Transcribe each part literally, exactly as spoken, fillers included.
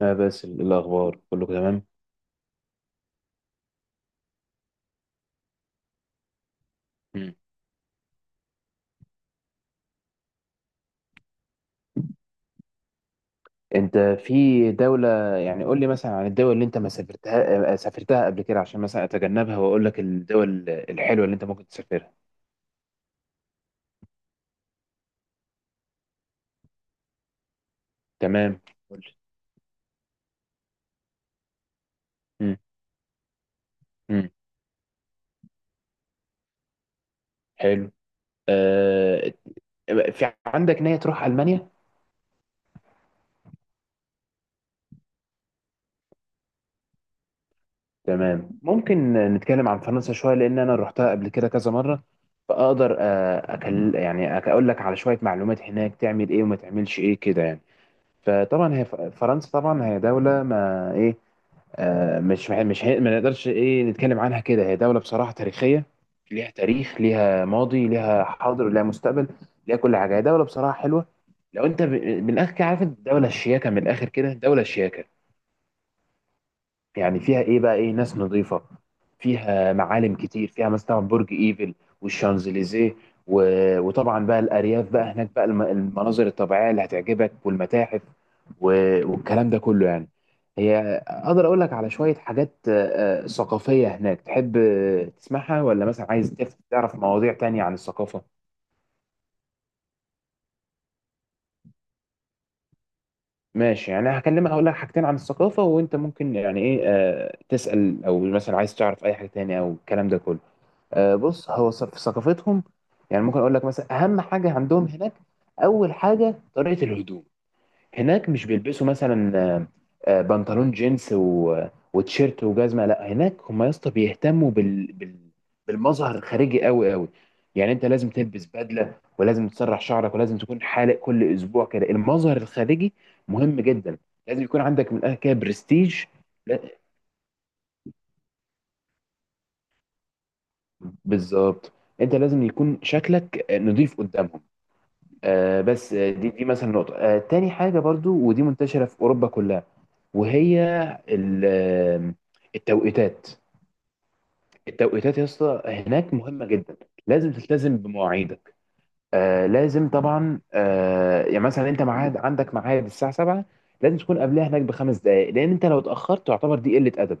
لا، بس ال- الأخبار كله تمام. مم. أنت في دولة. يعني قول لي مثلا عن الدول اللي أنت ما سافرتها، آه، سافرتها قبل كده عشان مثلا أتجنبها وأقول لك الدول الحلوة اللي أنت ممكن تسافرها. تمام، قول لي. مم. مم. حلو. آه... في عندك نية تروح ألمانيا؟ تمام، ممكن نتكلم عن فرنسا شوية لأن أنا روحتها قبل كده كذا مرة، فأقدر آه، أكل يعني أقول لك على شوية معلومات هناك تعمل إيه وما تعملش إيه كده يعني. فطبعا هي ف- فرنسا طبعا هي دولة ما ايه، آه مش مش هي- ما نقدرش ايه نتكلم عنها كده. هي دولة بصراحة تاريخية، ليها تاريخ ليها ماضي ليها حاضر ليها مستقبل، ليها كل حاجة. هي دولة بصراحة حلوة. لو انت ب- من الاخر كده عارف الدولة الشياكة، من الاخر كده دولة شياكة. يعني فيها ايه بقى، ايه، ناس نظيفة، فيها معالم كتير، فيها مثلا برج ايفل والشانزليزيه، و- وطبعا بقى الارياف بقى هناك بقى الم- المناظر الطبيعية اللي هتعجبك والمتاحف و- والكلام ده كله يعني. هي اقدر اقول لك على شوية حاجات آه، آه، ثقافية هناك، تحب آه، تسمعها ولا مثلا عايز تف- تعرف مواضيع تانية عن الثقافة؟ ماشي، يعني هكلمك هقول لك حاجتين عن الثقافة وانت ممكن يعني ايه آه، تسأل او مثلا عايز تعرف اي حاجة تانية او الكلام ده كله. آه، بص، هو ث- في ثقافتهم يعني ممكن اقول لك مثلا اهم حاجه عندهم هناك، اول حاجه طريقه الهدوم. هناك مش بيلبسوا مثلا آه، آه، بنطلون جينز و- وتيشيرت وجزمه. لا، هناك هم يا اسطى بيهتموا بال... بال... بالمظهر الخارجي قوي قوي. يعني انت لازم تلبس بدله ولازم تسرح شعرك ولازم تكون حالق كل اسبوع كده. المظهر الخارجي مهم جدا، لازم يكون عندك من الآخر كده برستيج. لا، بالظبط، انت لازم يكون شكلك نظيف قدامهم. آه، بس آه، دي دي مثلا نقطة آه، تاني حاجة برضو، ودي منتشرة في أوروبا كلها. وهي ال- آه، التوقيتات. التوقيتات يا اسطى هناك مهمة جدا، لازم تلتزم بمواعيدك. آه لازم طبعا آه يعني مثلا انت معاد عندك ميعاد الساعة سبعة، لازم تكون قبلها هناك بخمس دقائق، لأن انت لو اتأخرت تعتبر دي قلة أدب.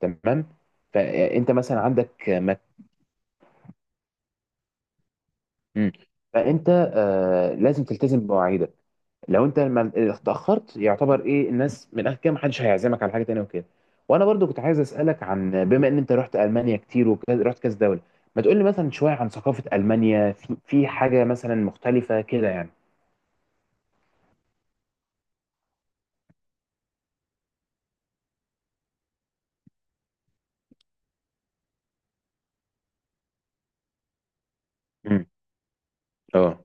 تمام. فانت مثلا عندك مك... مم. فانت آه لازم تلتزم بمواعيدك، لو انت لما اتاخرت يعتبر ايه الناس من الاخر كده محدش هيعزمك على حاجه تانية وكده. وانا برضو كنت عايز اسالك، عن بما ان انت رحت المانيا كتير ورحت كذا دوله، ما تقول لي مثلا شويه عن ثقافه المانيا، في, في حاجه مثلا مختلفه كده يعني؟ مم. اه.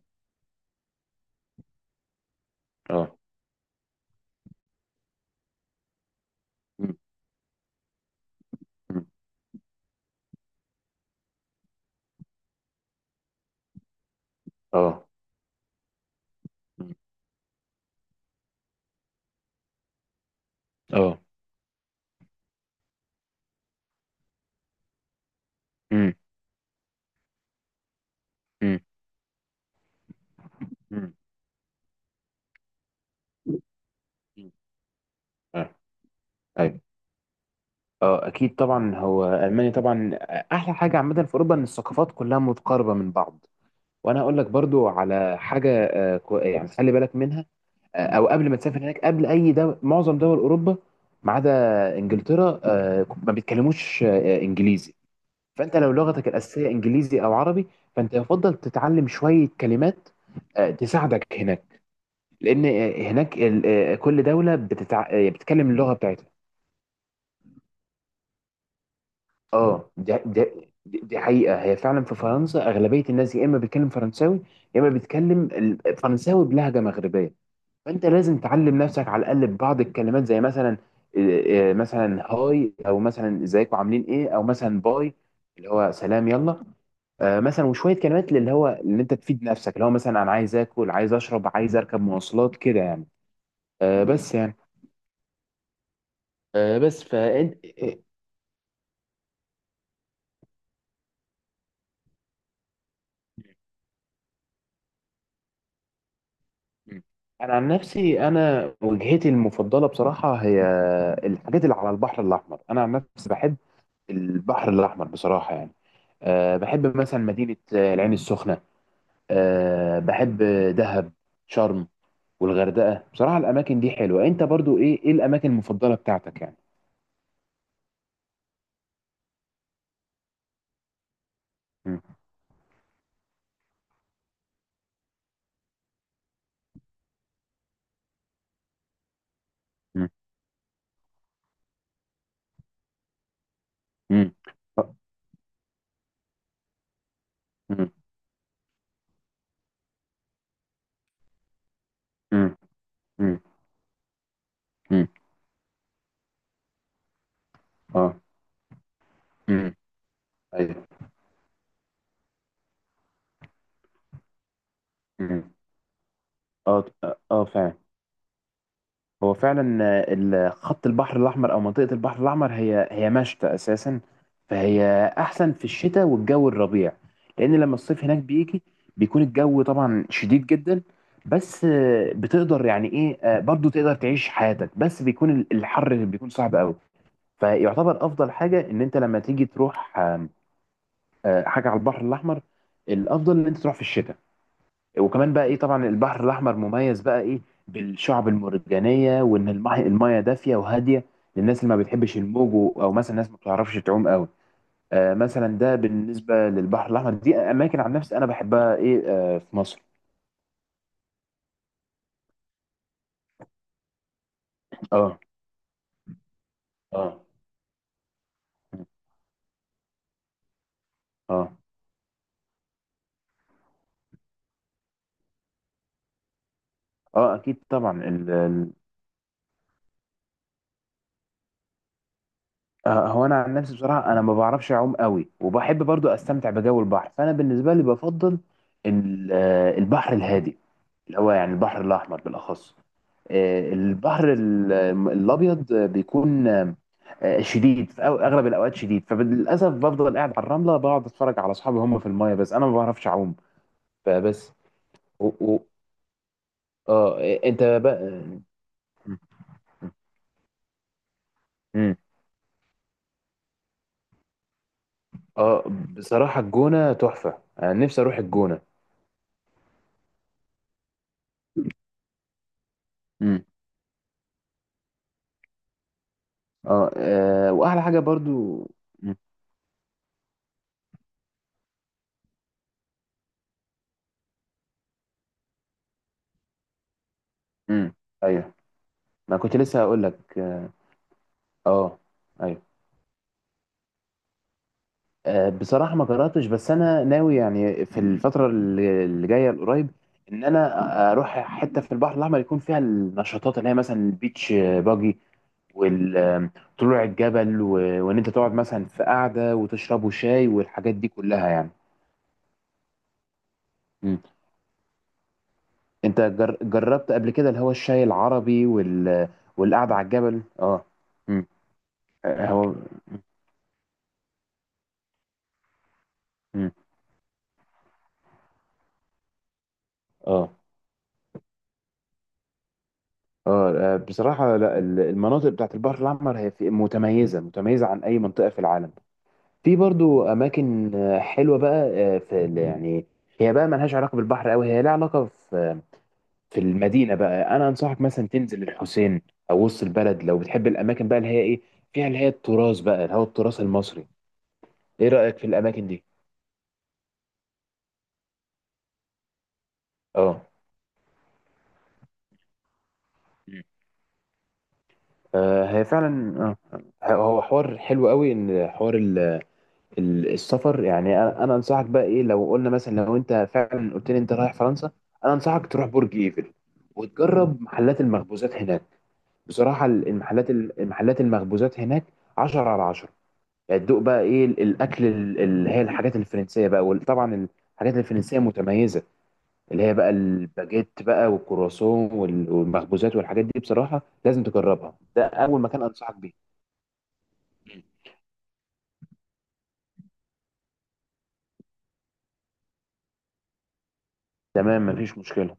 اه. مم. مم. اه. مم. اه. مم. مم. مم. مم. اه. ايوه. اه اكيد طبعا، هو المانيا طبعا، احلى حاجه عامه في اوروبا ان الثقافات كلها متقاربه من بعض. وانا هقول لك برضو على حاجه آه، كو- يعني خلي بالك منها، آه، او قبل ما تسافر هناك، قبل اي دول معظم دول اوروبا ما عدا انجلترا، آه، ما بيتكلموش آه، انجليزي. فانت لو لغتك الاساسيه انجليزي او عربي، فانت يفضل تتعلم شويه كلمات آه، تساعدك هناك، لان آه، هناك ال- آه، كل دوله بتتع... آه، بتتكلم اللغه بتاعتها. اه، دي, دي, دي دي حقيقه، هي فعلا في فرنسا اغلبيه الناس يا اما بيتكلم فرنساوي يا اما بيتكلم ال- فرنساوي بلهجه مغربيه. فانت لازم تعلم نفسك على الاقل ببعض الكلمات، زي مثلا إيه، إيه، مثلا هاي او مثلا ازيكم عاملين ايه او مثلا باي اللي هو سلام يلا. آه، مثلا وشويه كلمات اللي هو اللي انت تفيد نفسك اللي هو مثلا انا عايز اكل عايز اشرب عايز اركب مواصلات كده يعني. آه، بس يعني آه، بس فانت إيه، انا عن نفسي، انا وجهتي المفضله بصراحه هي الحاجات اللي على البحر الاحمر. انا عن نفسي بحب البحر الاحمر بصراحه يعني. أه بحب مثلا مدينه آه، العين السخنه. أه بحب دهب، شرم والغردقة. بصراحة الأماكن دي حلوة. أنت برضو إيه، إيه الأماكن المفضلة بتاعتك يعني؟ مم. مم. مم. آه. مم. مم. مم. مم. آه. مم. أيوه. مم. آه. آه فعلا، هو فعلا آه، ال- خط البحر الأحمر أو منطقة البحر الأحمر هي هي مشتى أساسا، فهي أحسن في الشتاء والجو الربيع، لأن لما الصيف هناك بيجي بيكون الجو طبعا شديد جدا. بس آه، بتقدر يعني إيه آه، برضو تقدر تعيش حياتك، بس بيكون ال- الحر اللي بيكون صعب قوي. فيعتبر أفضل حاجة إن أنت لما تيجي تروح آه، آه، حاجة على البحر الأحمر، الأفضل إن أنت تروح في الشتاء. وكمان بقى ايه، طبعا البحر الاحمر مميز بقى ايه بالشعب المرجانيه، وان الماء المايه دافيه وهاديه للناس اللي ما بتحبش الموج و- او مثلا الناس ما بتعرفش تعوم قوي. آه مثلا ده بالنسبه للبحر الاحمر، دي اماكن عن نفسي انا بحبها ايه آه في مصر. اه. اه. اه. اه اكيد طبعا، ال ال آه هو انا عن نفسي بصراحه انا ما بعرفش اعوم قوي وبحب برضو استمتع بجو البحر، فانا بالنسبه لي بفضل ال- آه، البحر الهادي اللي هو يعني البحر الاحمر بالاخص. آه، البحر ال- الابيض بيكون آه، شديد، في أو- اغلب الاوقات شديد، فللاسف بفضل قاعد على الرمله بقعد اتفرج على اصحابي هم في المايه بس انا ما بعرفش اعوم. فبس و... و... اه. انت بقى. مم. اه بصراحه الجونه تحفه، انا نفسي اروح الجونه. مم. اه آه، واحلى حاجه برضو. مم. مم. ايوه. ما كنت لسه هقول لك اه. آه، ايوه. آه، بصراحة ما قرأتش، بس أنا ناوي يعني في الفترة اللي اللي جاية القريب إن أنا أروح حتة في البحر الأحمر يكون فيها النشاطات اللي هي مثلا البيتش باجي وطلوع الجبل و- وإن أنت تقعد مثلا في قعدة وتشربوا شاي والحاجات دي كلها يعني. مم. أنت جر- جربت قبل كده اللي هو الشاي العربي وال... والقعدة على الجبل؟ أه. مم. آه، هو. مم. أه. اه آه، بصراحة لا، ال- المناطق بتاعت البحر الأحمر هي في- متميزة متميزة عن أي منطقة في العالم. في برضو اماكن آه، حلوه بقى، آه، في ال- يعني هي بقى ملهاش علاقه بالبحر قوي، هي لها علاقه في في المدينه بقى. انا انصحك مثلا تنزل الحسين او وسط البلد لو بتحب الاماكن بقى اللي هي ايه فيها اللي هي التراث بقى اللي هو التراث المصري. ايه رايك في الاماكن دي؟ اه. مم. آه، هي فعلا آه، هو حوار حلو قوي، ان حوار ال- ال- السفر يعني. انا أنا انصحك بقى ايه، لو قلنا مثلا لو انت فعلا قلت لي انت رايح فرنسا، انا انصحك تروح برج ايفل، وتجرب محلات المخبوزات هناك. بصراحة المحلات المحلات المخبوزات هناك عشرة على عشرة، يعني تدوق بقى ايه الاكل ال- اللي هي الحاجات الفرنسية بقى. وطبعا الحاجات الفرنسية متميزة، اللي هي بقى الباجيت بقى والكرواسون وال- والمخبوزات والحاجات دي بصراحة لازم تجربها. ده اول مكان انصحك بيه. تمام، مفيش مشكلة.